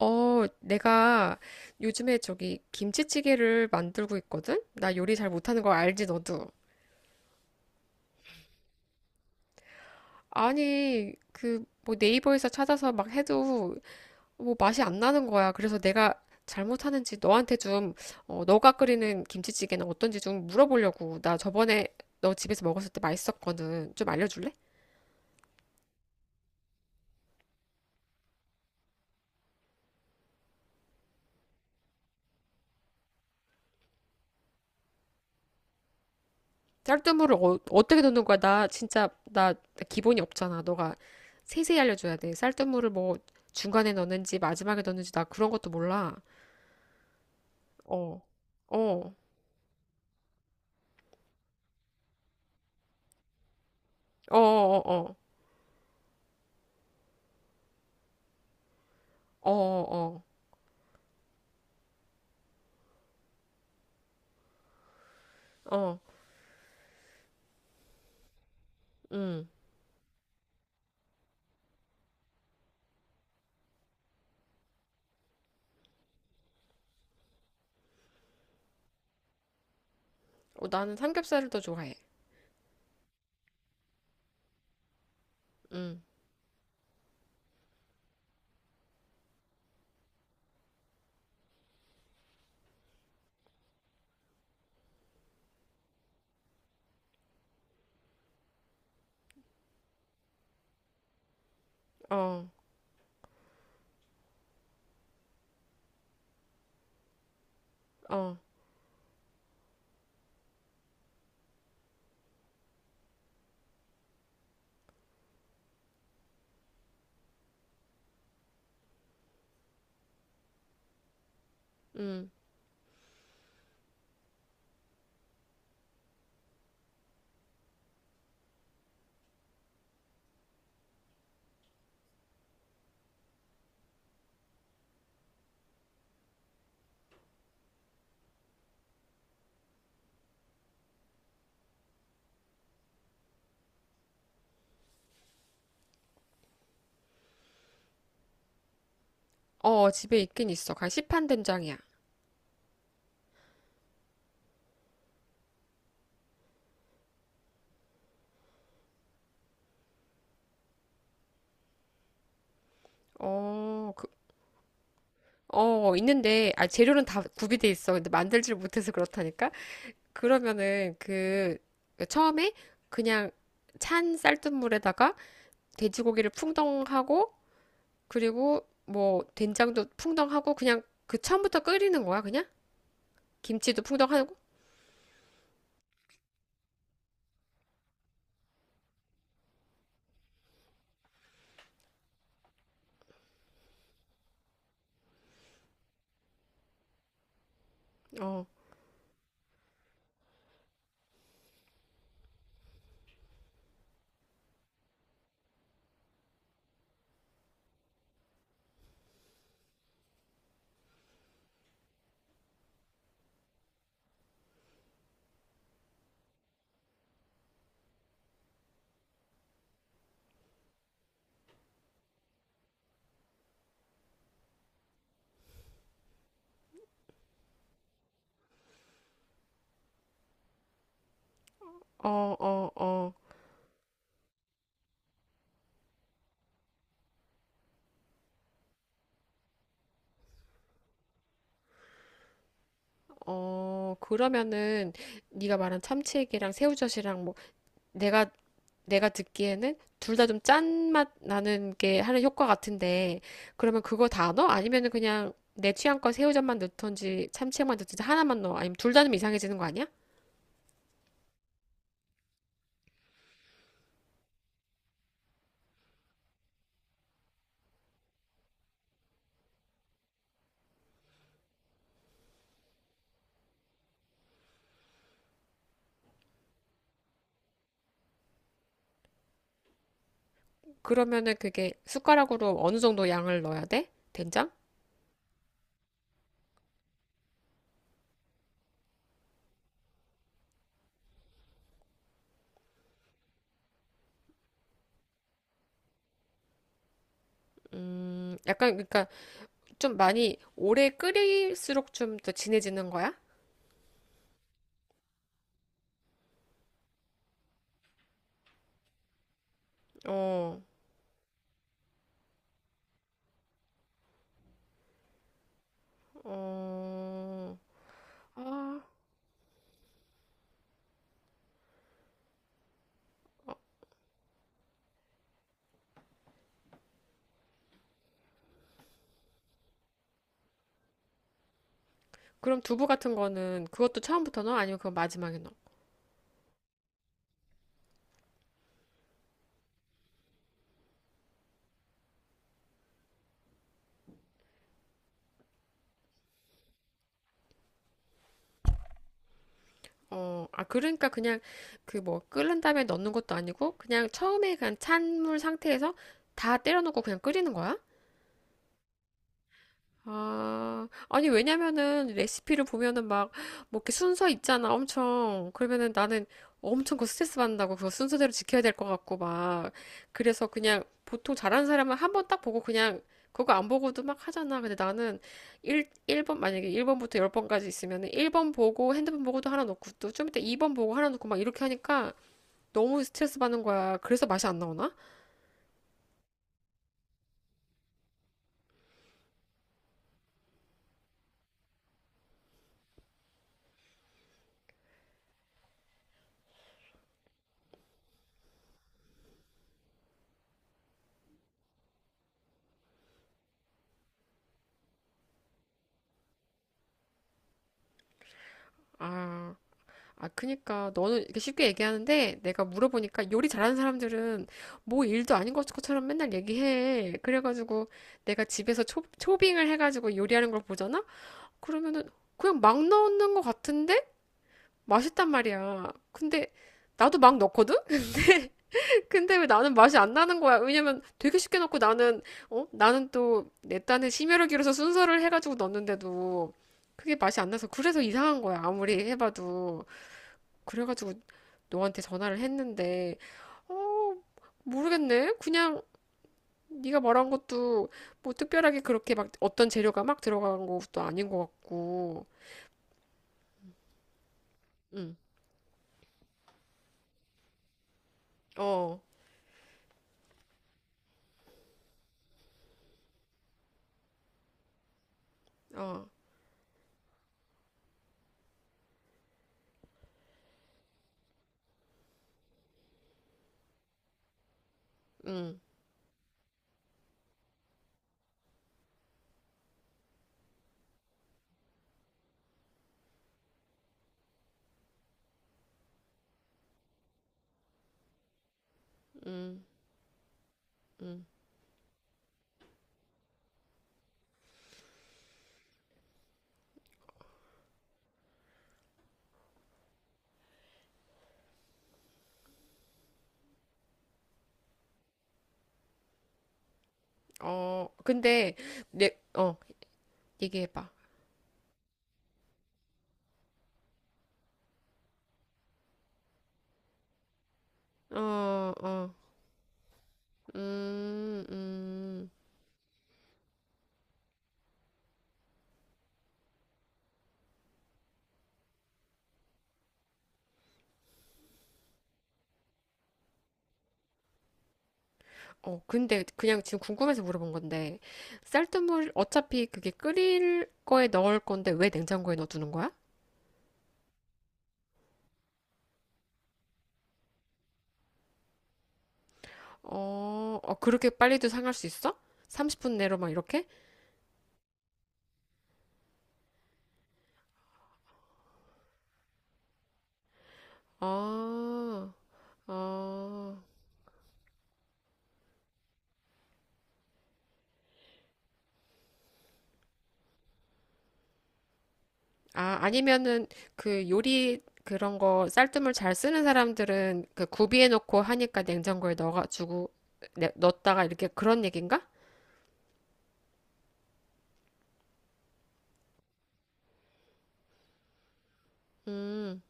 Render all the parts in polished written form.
어, 내가 요즘에 저기 김치찌개를 만들고 있거든? 나 요리 잘 못하는 거 알지, 너도? 아니, 그, 뭐 네이버에서 찾아서 막 해도 뭐 맛이 안 나는 거야. 그래서 내가 잘못하는지 너한테 좀, 어, 너가 끓이는 김치찌개는 어떤지 좀 물어보려고. 나 저번에 너 집에서 먹었을 때 맛있었거든. 좀 알려줄래? 쌀뜨물을 어, 떻게 넣는 거야? 나 진짜 나나 기본이 없잖아. 너가 세세히 알려줘야 돼. 쌀뜨물을 뭐 중간에 넣는지 마지막에 넣는지 나 그런 것도 몰라. 어, 어, 어, 어, 어, 어, 어, 어, 어, 음. 어, 나는 삼겹살을 더 좋아해. 음, 어, 어, 음. 어, 집에 있긴 있어. 가 시판 된장이야. 어, 그, 어, 있는데, 아, 재료는 다 구비돼 있어. 근데 만들질 못해서 그렇다니까? 그러면은 그 처음에 그냥 찬 쌀뜨물에다가 돼지고기를 풍덩하고 그리고 뭐 된장도 풍덩하고 그냥 그 처음부터 끓이는 거야 그냥? 김치도 풍덩하고 어, 어, 어, 어, 어. 그러면은 네가 말한 참치액이랑 새우젓이랑 뭐 내가 내가 듣기에는 둘 다 좀 짠 맛 나는 게 하는 효과 같은데, 그러면 그거 다 넣어? 아니면은 그냥 내 취향껏 새우젓만 넣던지 참치액만 넣던지 하나만 넣어? 아니면 둘 다 좀 이상해지는 거 아니야? 그러면은 그게 숟가락으로 어느 정도 양을 넣어야 돼? 된장? 약간 그러니까 좀 많이 오래 끓일수록 좀 더 진해지는 거야? 어, 어, 아, 그럼 두부 같은 거는 그것도 처음부터 넣어? 아니면 그거 마지막에 넣어? 어, 아, 그러니까 그냥 그 뭐 끓는 다음에 넣는 것도 아니고 그냥 처음에 그냥 찬물 상태에서 다 때려 넣고 그냥 끓이는 거야? 아, 아니, 왜냐면은 레시피를 보면은 막, 뭐 이렇게 순서 있잖아, 엄청. 그러면은 나는 엄청 그거 스트레스 받는다고, 그거 순서대로 지켜야 될 것 같고, 막. 그래서 그냥 보통 잘하는 사람은 한번 딱 보고 그냥 그거 안 보고도 막 하잖아. 근데 나는 1, 일번 만약에 1번부터 10번까지 있으면은 1번 보고 핸드폰 보고도 하나 놓고 또 좀 이따 2번 보고 하나 놓고 막 이렇게 하니까 너무 스트레스 받는 거야. 그래서 맛이 안 나오나? 아. 아, 그니까 너는 이렇게 쉽게 얘기하는데 내가 물어보니까 요리 잘하는 사람들은 뭐 일도 아닌 것처럼 맨날 얘기해. 그래가지고 내가 집에서 초빙을 해가지고 요리하는 걸 보잖아? 그러면은 그냥 막 넣는 것 같은데 맛있단 말이야. 근데 나도 막 넣거든? 근데 왜 나는 맛이 안 나는 거야? 왜냐면 되게 쉽게 넣고 나는, 어? 나는 또 내 딴에 심혈을 기울여서 순서를 해가지고 넣었는데도 그게 맛이 안 나서 그래서 이상한 거야. 아무리 해봐도. 그래가지고 너한테 전화를 했는데, 어, 모르겠네. 그냥 네가 말한 것도 뭐 특별하게 그렇게 막 어떤 재료가 막 들어간 것도 아닌 것 같고. 응, 어, 어, 응, 응, 어. 근데 내, 어, 얘기해봐. 어, 어, 음, 음. 어, 근데 그냥 지금 궁금해서 물어본 건데, 쌀뜨물 어차피 그게 끓일 거에 넣을 건데 왜 냉장고에 넣어두는 거야? 어, 어, 그렇게 빨리도 상할 수 있어? 30분 내로 막 이렇게? 아, 어, 아, 아니면은 그 요리 그런 거 쌀뜨물 잘 쓰는 사람들은 그 구비해 놓고 하니까 냉장고에 넣어가지고 넣었다가 이렇게 그런 얘긴가? 음,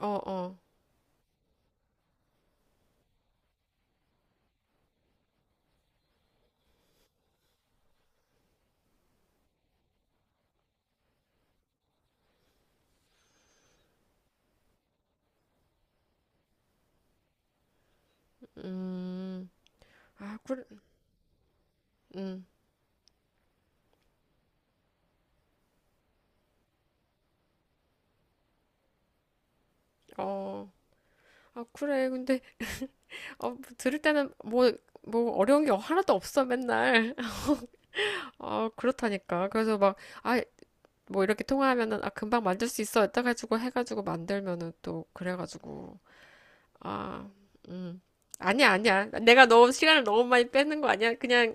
어, 어, 음, 아, 그래, 음, 어, 아, 그래. 근데 어, 들을 때는 뭐, 뭐 어려운 게 하나도 없어 맨날. 어, 그렇다니까. 그래서 막 아, 뭐 이렇게 통화하면은 아 금방 만들 수 있어 이따가지고 해가지고 만들면은 또 그래가지고, 아, 음, 아니야 아니야 내가 너무 시간을 너무 많이 뺏는 거 아니야, 그냥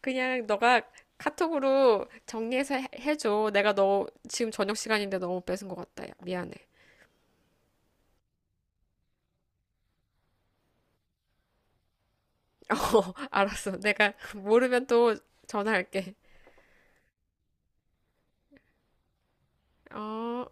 그냥 너가 카톡으로 정리해서 해줘. 내가 너 지금 저녁 시간인데 너무 뺏은 것 같다, 야 미안해. 어, 알았어. 내가 모르면 또 전화할게. 어.